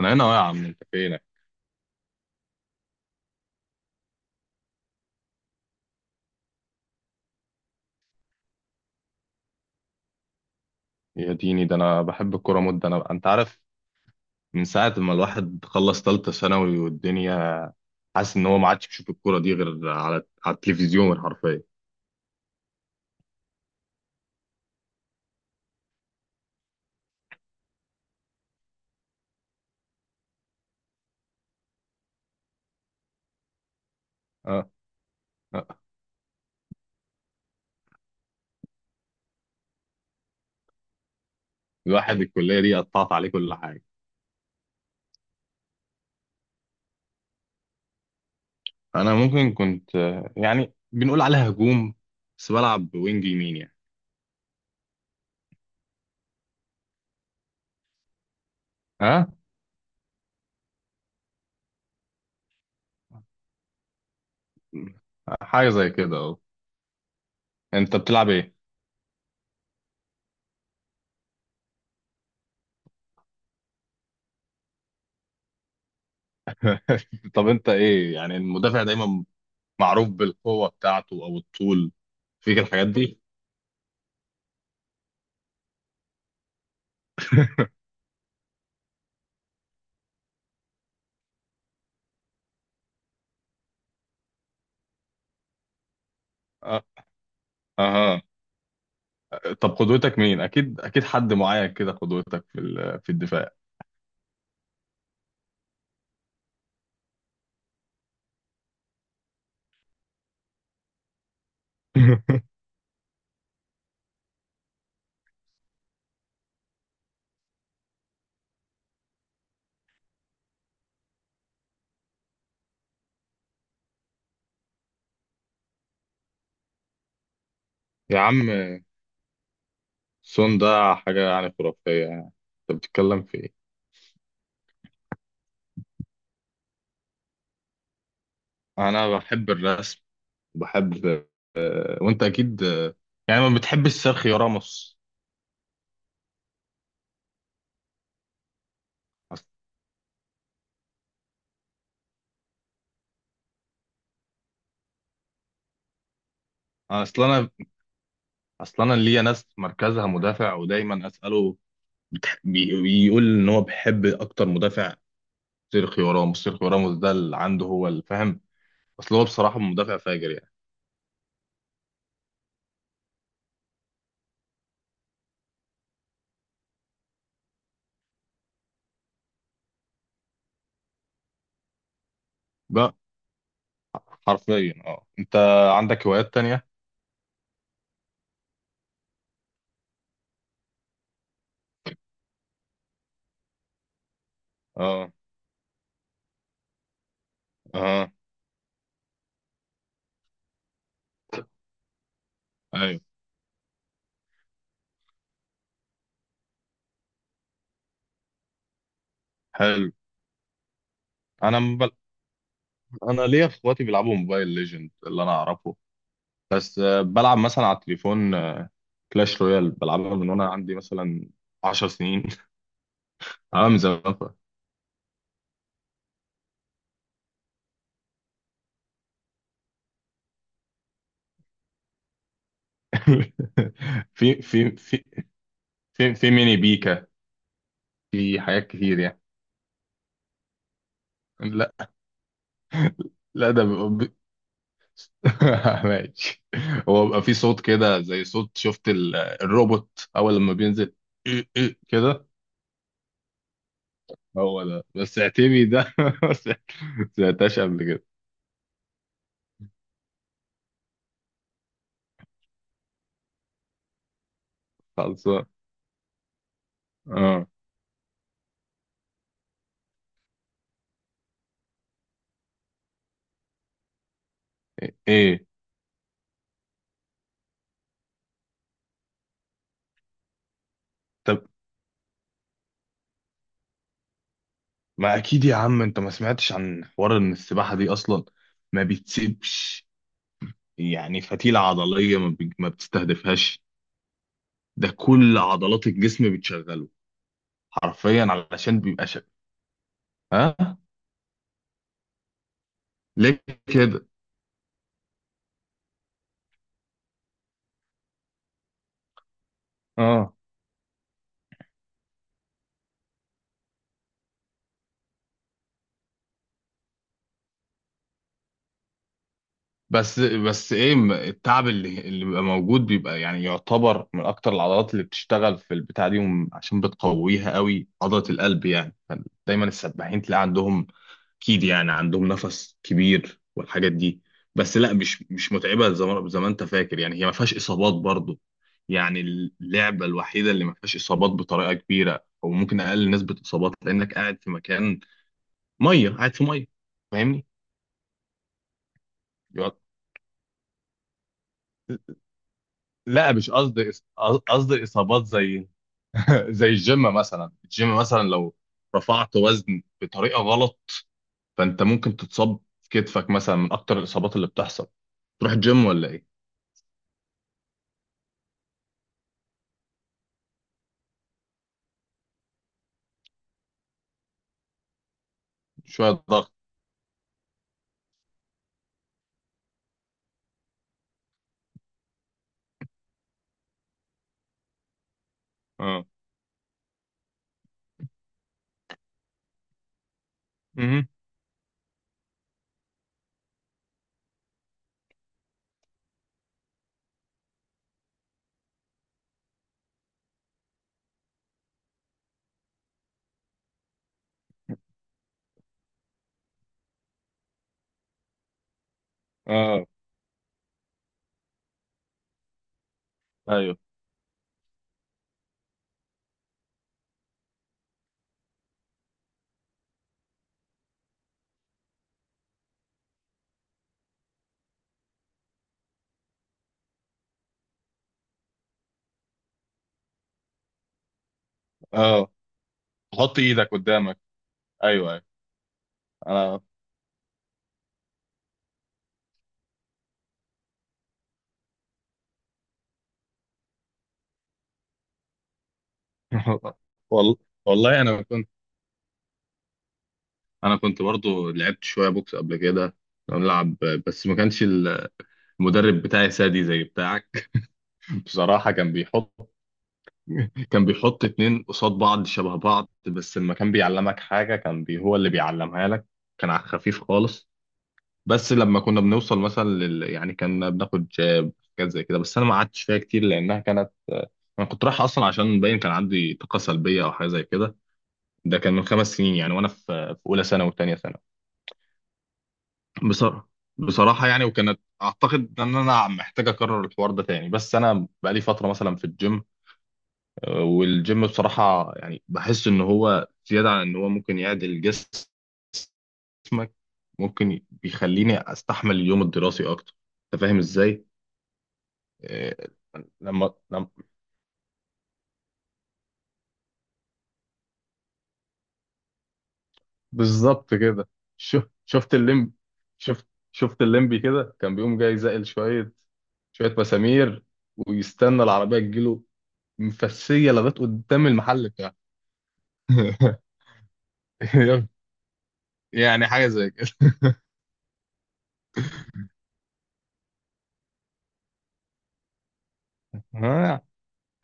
انا هنا يا عم انت فينك. يا ديني ده انا بحب الكوره مده، انا انت عارف، من ساعه ما الواحد خلص ثالثه ثانوي والدنيا، حاسس ان هو ما عادش بيشوف الكوره دي غير على التلفزيون حرفيا. اه. آه. الواحد الكليه دي قطعت عليه كل حاجه. انا ممكن كنت يعني بنقول عليها هجوم، بس بلعب وينج يمين يعني. ها. حاجه زي كده اهو. انت بتلعب ايه؟ طب انت ايه يعني؟ المدافع دايما معروف بالقوه بتاعته او الطول، فيك الحاجات دي؟ اه. اها. طب قدوتك مين؟ اكيد حد معين كده قدوتك في في الدفاع. يا عم، سون ده حاجة يعني خرافية يعني، انت بتتكلم في ايه؟ انا بحب الرسم، بحب. وانت اكيد يعني ما بتحبش سيرخيو راموس؟ أص- اصل انا، اصل انا ليا ناس مركزها مدافع ودايما اساله، بيقول ان هو بيحب اكتر مدافع سيرخيو راموس. سيرخيو راموس ده اللي عنده هو الفهم. اصل هو بصراحة مدافع فاجر يعني. بقى حرفيا اه، انت عندك هوايات تانية؟ اه. اه. ايوه. حلو. انا مبل... انا ليا اخواتي بيلعبوا موبايل ليجند اللي انا اعرفه. أه، بلعب مثلا على التليفون كلاش رويال، بلعبها من وانا عندي مثلا 10 سنين. انا من زمان في في في ميني بيكا، في حاجات كتير يعني. لا. لا ده بيبقى بي- ماشي. هو بيبقى في صوت كده زي صوت، شفت الروبوت اول لما بينزل؟ إيه إيه كده. هو ده بس اعتبي ده، ما سمعتهاش قبل كده. خلصان. اه. ايه؟ طب ما اكيد يا عم انت ما سمعتش عن حوار ان السباحه دي اصلا ما بتسيبش يعني فتيله عضليه، ما، ما بتستهدفهاش؟ ده كل عضلات الجسم بتشغله حرفيا، علشان بيبقى شغال. ها. ليه كده؟ اه. بس التعب اللي بيبقى موجود بيبقى يعني يعتبر من اكتر العضلات اللي بتشتغل في البتاع دي، عشان بتقويها قوي عضله القلب يعني. دايما السباحين تلاقي عندهم، اكيد يعني عندهم نفس كبير والحاجات دي. بس لا، مش متعبه زي ما انت فاكر يعني. هي ما فيهاش اصابات برضو يعني، اللعبه الوحيده اللي ما فيهاش اصابات بطريقه كبيره، او ممكن اقل نسبه اصابات، لانك قاعد في مكان ميه، قاعد في ميه. فاهمني؟ يقعد- لا مش قصدي قصدي اصابات زي زي الجيم. مثلا الجيم مثلا لو رفعت وزن بطريقه غلط، فانت ممكن تتصاب في كتفك مثلا، من اكتر الاصابات اللي بتحصل. تروح الجيم ولا ايه؟ شويه ضغط. آه. امم. اه. ايوه. اه. حط ايدك قدامك. ايوه ايوه. انا والله. والله انا كنت، انا كنت برضو لعبت شويه بوكس قبل كده، كنا بنلعب. بس ما كانش المدرب بتاعي سادي زي بتاعك. بصراحه كان بيحط كان بيحط اتنين قصاد بعض شبه بعض، بس لما كان بيعلمك حاجه كان هو اللي بيعلمها لك. كان على الخفيف خالص. بس لما كنا بنوصل مثلا يعني كنا بناخد جاب، حاجات زي كده. بس انا ما قعدتش فيها كتير لانها كانت، انا كنت رايح اصلا عشان باين كان عندي طاقه سلبيه او حاجه زي كده. ده كان من خمس سنين يعني وانا في، في اولى ثانوي وثانيه ثانوي بصراحه. بصراحه يعني، وكانت اعتقد ان انا محتاج اكرر الحوار ده تاني، بس انا بقالي فتره مثلا في الجيم. آه، والجيم بصراحه يعني بحس ان هو زياده عن ان هو ممكن يعدل جسمك، ممكن بيخليني استحمل اليوم الدراسي اكتر. انت فاهم ازاي؟ إيه، لما بالظبط كده. شو شفت الليمبي؟ شفت الليمبي كده كان بيقوم جاي زائل شوية، شوية مسامير، ويستنى العربية تجيله مفسية لغاية قدام المحل بتاعه. يعني حاجة زي كده. آه.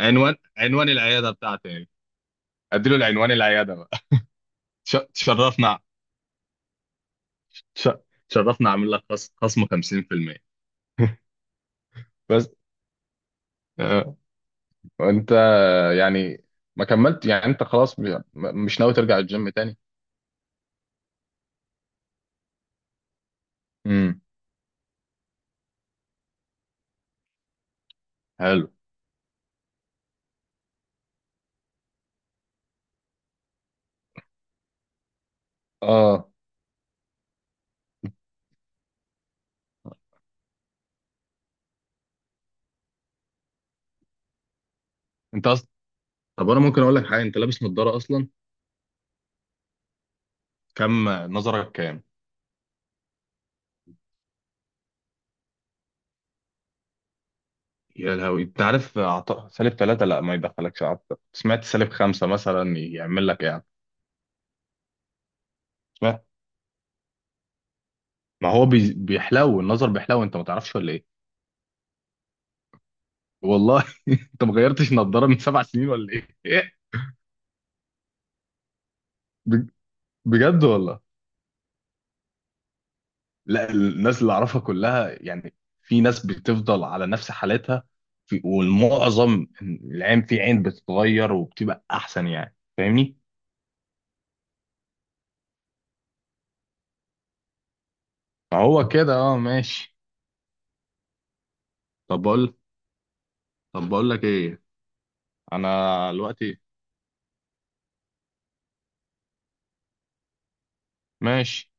عنوان العيادة بتاعتي يعني، اديله العنوان العيادة بقى. تشرفنا. تش- تشرفنا. اعمل لك خصم 50%. بس آه. وانت يعني ما كملت يعني؟ انت خلاص مش ناوي ترجع الجيم تاني؟ امم. حلو. اه. انت اصلا، طب انا ممكن اقول لك حاجه، انت لابس نظاره اصلا، كم نظرك كام؟ يا لهوي! انت عارف سالب ثلاثة، لا ما يدخلكش، سمعت سالب خمسة مثلا يعمل لك ايه يعني؟ سمعت، ما هو بيحلو النظر بيحلو، انت ما تعرفش ولا ايه؟ والله انت ما غيرتش نظاره من سبع سنين ولا ايه؟ إيه؟ بج- بجد والله؟ لا الناس اللي اعرفها كلها يعني، في ناس بتفضل على نفس حالتها، في والمعظم العين عين بتتغير وبتبقى احسن يعني، فاهمني؟ فهو كده اه، ماشي. طب بقول طب بقول لك ايه، انا دلوقتي، ماشي